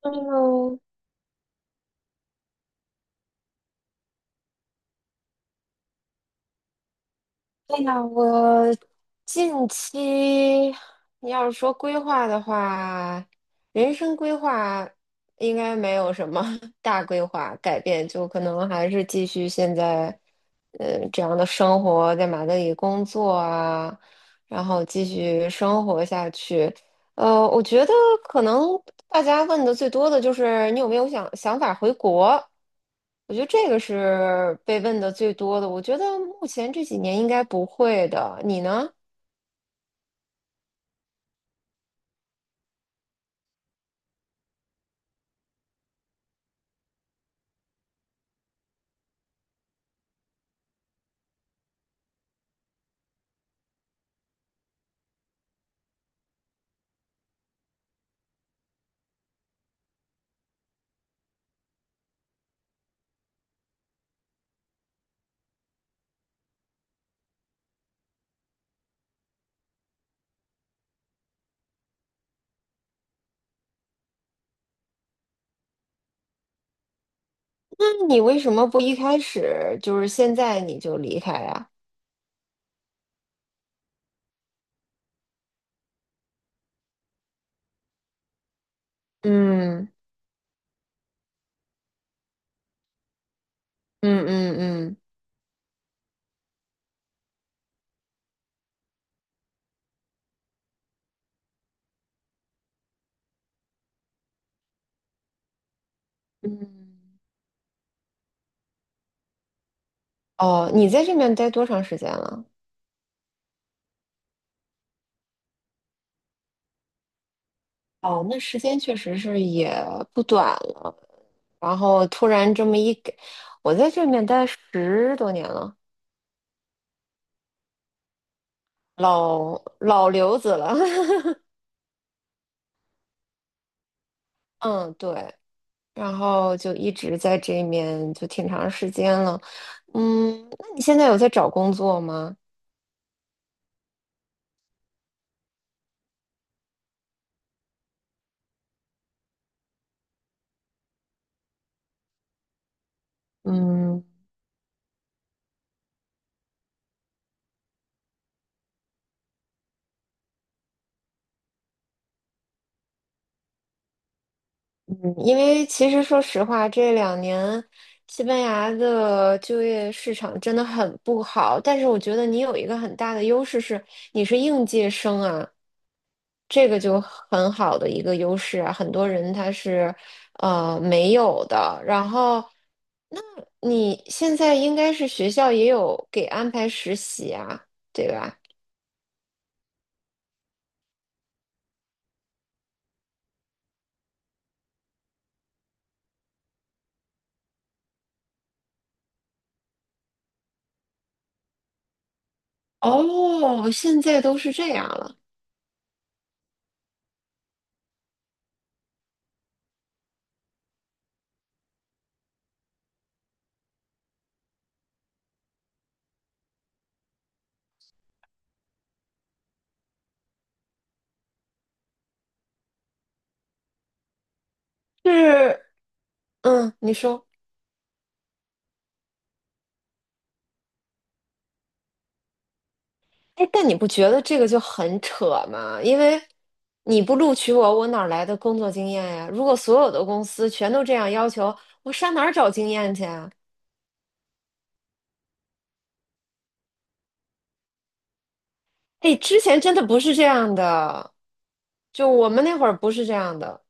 嗯，哎呀，我近期你要是说规划的话，人生规划应该没有什么 大规划改变，就可能还是继续现在，这样的生活，在马德里工作啊，然后继续生活下去。我觉得可能大家问的最多的就是你有没有想法回国？我觉得这个是被问的最多的。我觉得目前这几年应该不会的。你呢？那你为什么不一开始就是现在你就离开呀？嗯嗯嗯嗯嗯。哦，你在这边待多长时间了？哦，那时间确实是也不短了。然后突然这么一给，我在这边待10多年了，老刘子了。嗯，对，然后就一直在这面就挺长时间了。嗯，那你现在有在找工作吗？嗯，嗯因为其实说实话，这两年西班牙的就业市场真的很不好，但是我觉得你有一个很大的优势是你是应届生啊，这个就很好的一个优势啊，很多人他是没有的。然后，那你现在应该是学校也有给安排实习啊，对吧？哦，现在都是这样了，是，嗯，你说。哎，但你不觉得这个就很扯吗？因为你不录取我，我哪儿来的工作经验呀？如果所有的公司全都这样要求，我上哪儿找经验去啊？哎，之前真的不是这样的，就我们那会儿不是这样的。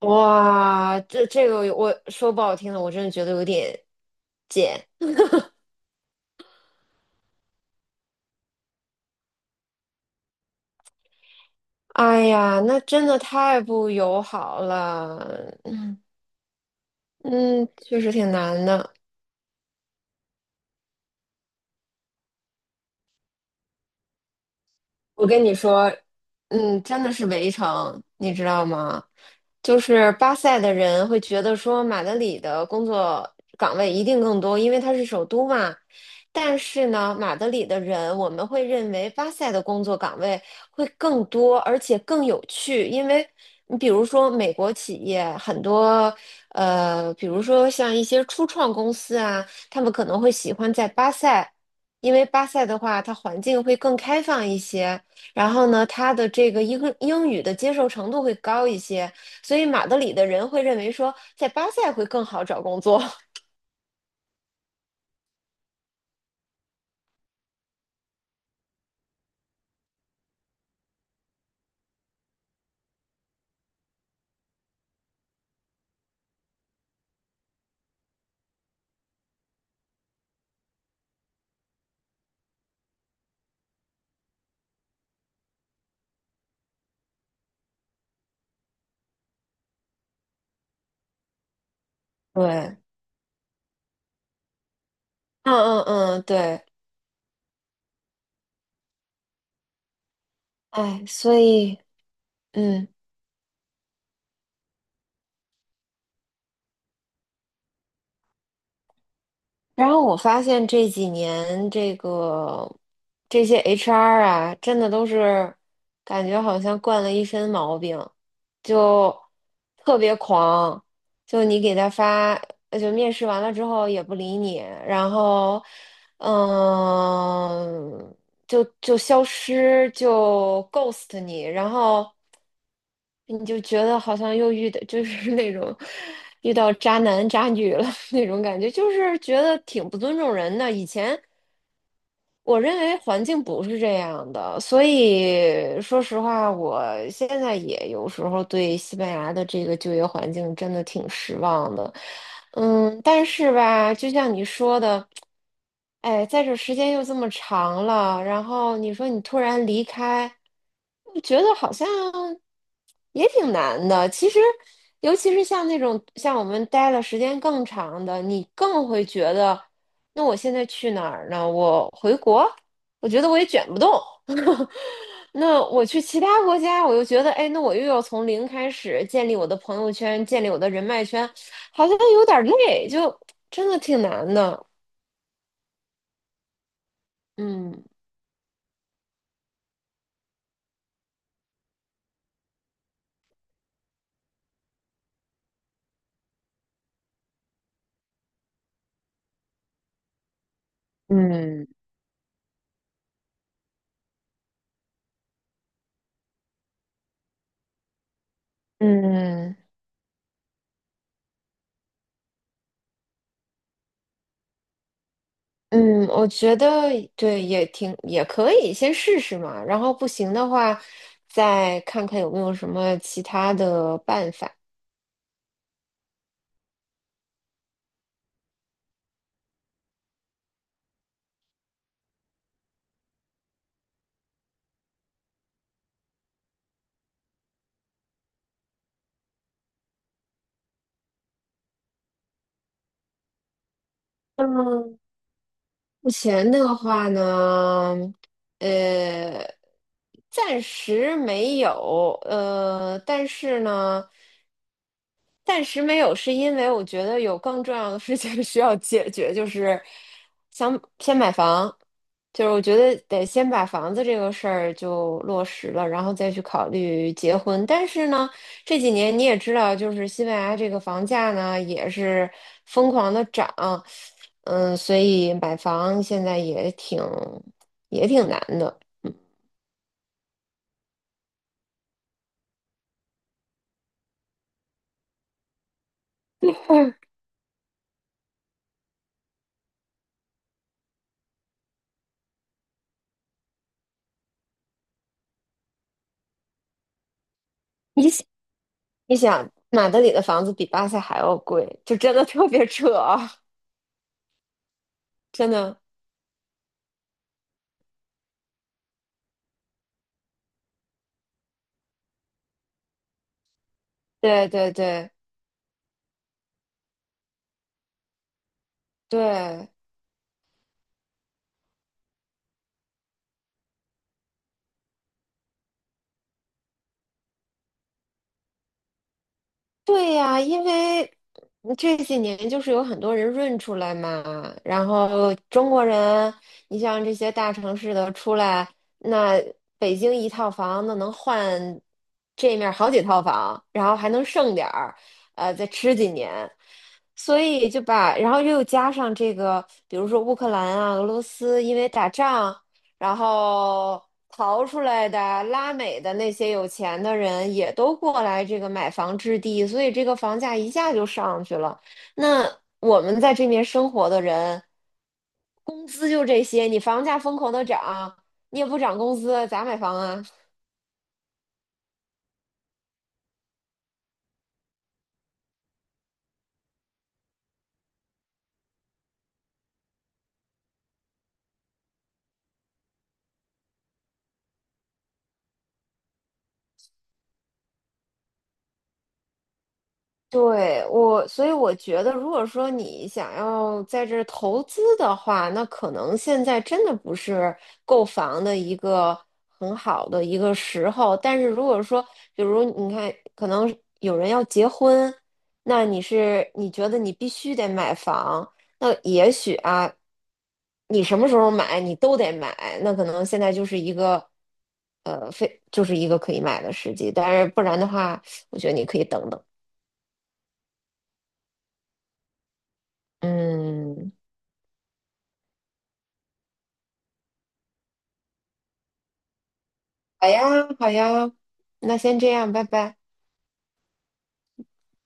哇，这个我说不好听的，我真的觉得有点贱。哎呀，那真的太不友好了。嗯嗯，确实挺难的。我跟你说，嗯，真的是围城，你知道吗？就是巴塞的人会觉得说马德里的工作岗位一定更多，因为它是首都嘛。但是呢，马德里的人我们会认为巴塞的工作岗位会更多，而且更有趣，因为你比如说美国企业很多，比如说像一些初创公司啊，他们可能会喜欢在巴塞。因为巴塞的话，它环境会更开放一些，然后呢，他的这个英语的接受程度会高一些，所以马德里的人会认为说，在巴塞会更好找工作。对，嗯嗯嗯，对，哎，所以嗯。然后我发现这几年这些 HR 啊，真的都是感觉好像惯了一身毛病，就特别狂，就你给他发，就面试完了之后也不理你，然后嗯。就消失，就 ghost 你，然后你就觉得好像又遇到就是那种遇到渣男渣女了 那种感觉，就是觉得挺不尊重人的。以前我认为环境不是这样的，所以说实话，我现在也有时候对西班牙的这个就业环境真的挺失望的。嗯，但是吧，就像你说的，哎，在这时间又这么长了，然后你说你突然离开，我觉得好像也挺难的。其实，尤其是像那种像我们待了时间更长的，你更会觉得。那我现在去哪儿呢？我回国，我觉得我也卷不动。那我去其他国家，我又觉得，哎，那我又要从零开始建立我的朋友圈，建立我的人脉圈，好像有点儿累，就真的挺难的。嗯嗯嗯嗯，我觉得对，也挺也可以，先试试嘛。然后不行的话，再看看有没有什么其他的办法。嗯，目前的话呢，呃，暂时没有，但是呢，暂时没有，是因为我觉得有更重要的事情 需要解决，就是想先买房，就是我觉得得先把房子这个事儿就落实了，然后再去考虑结婚。但是呢，这几年你也知道，就是西班牙这个房价呢也是疯狂的涨，嗯，所以买房现在也挺难的。你想你想，马德里的房子比巴塞还要贵，就真的特别扯啊，真的。对对对对对呀，因为这几年就是有很多人润出来嘛，然后中国人，你像这些大城市的出来，那北京一套房那能换这面儿好几套房，然后还能剩点儿，再吃几年，所以就把，然后又加上这个，比如说乌克兰啊、俄罗斯，因为打仗。然后逃出来的拉美的那些有钱的人也都过来这个买房置地，所以这个房价一下就上去了。那我们在这边生活的人，工资就这些，你房价疯狂的涨，你也不涨工资，咋买房啊？对，我，所以我觉得，如果说你想要在这儿投资的话，那可能现在真的不是购房的一个很好的一个时候。但是如果说，比如你看，可能有人要结婚，那你是你觉得你必须得买房，那也许啊，你什么时候买你都得买，那可能现在就是一个，非就是一个可以买的时机。但是不然的话，我觉得你可以等等。嗯，好呀，好呀，那先这样，拜拜。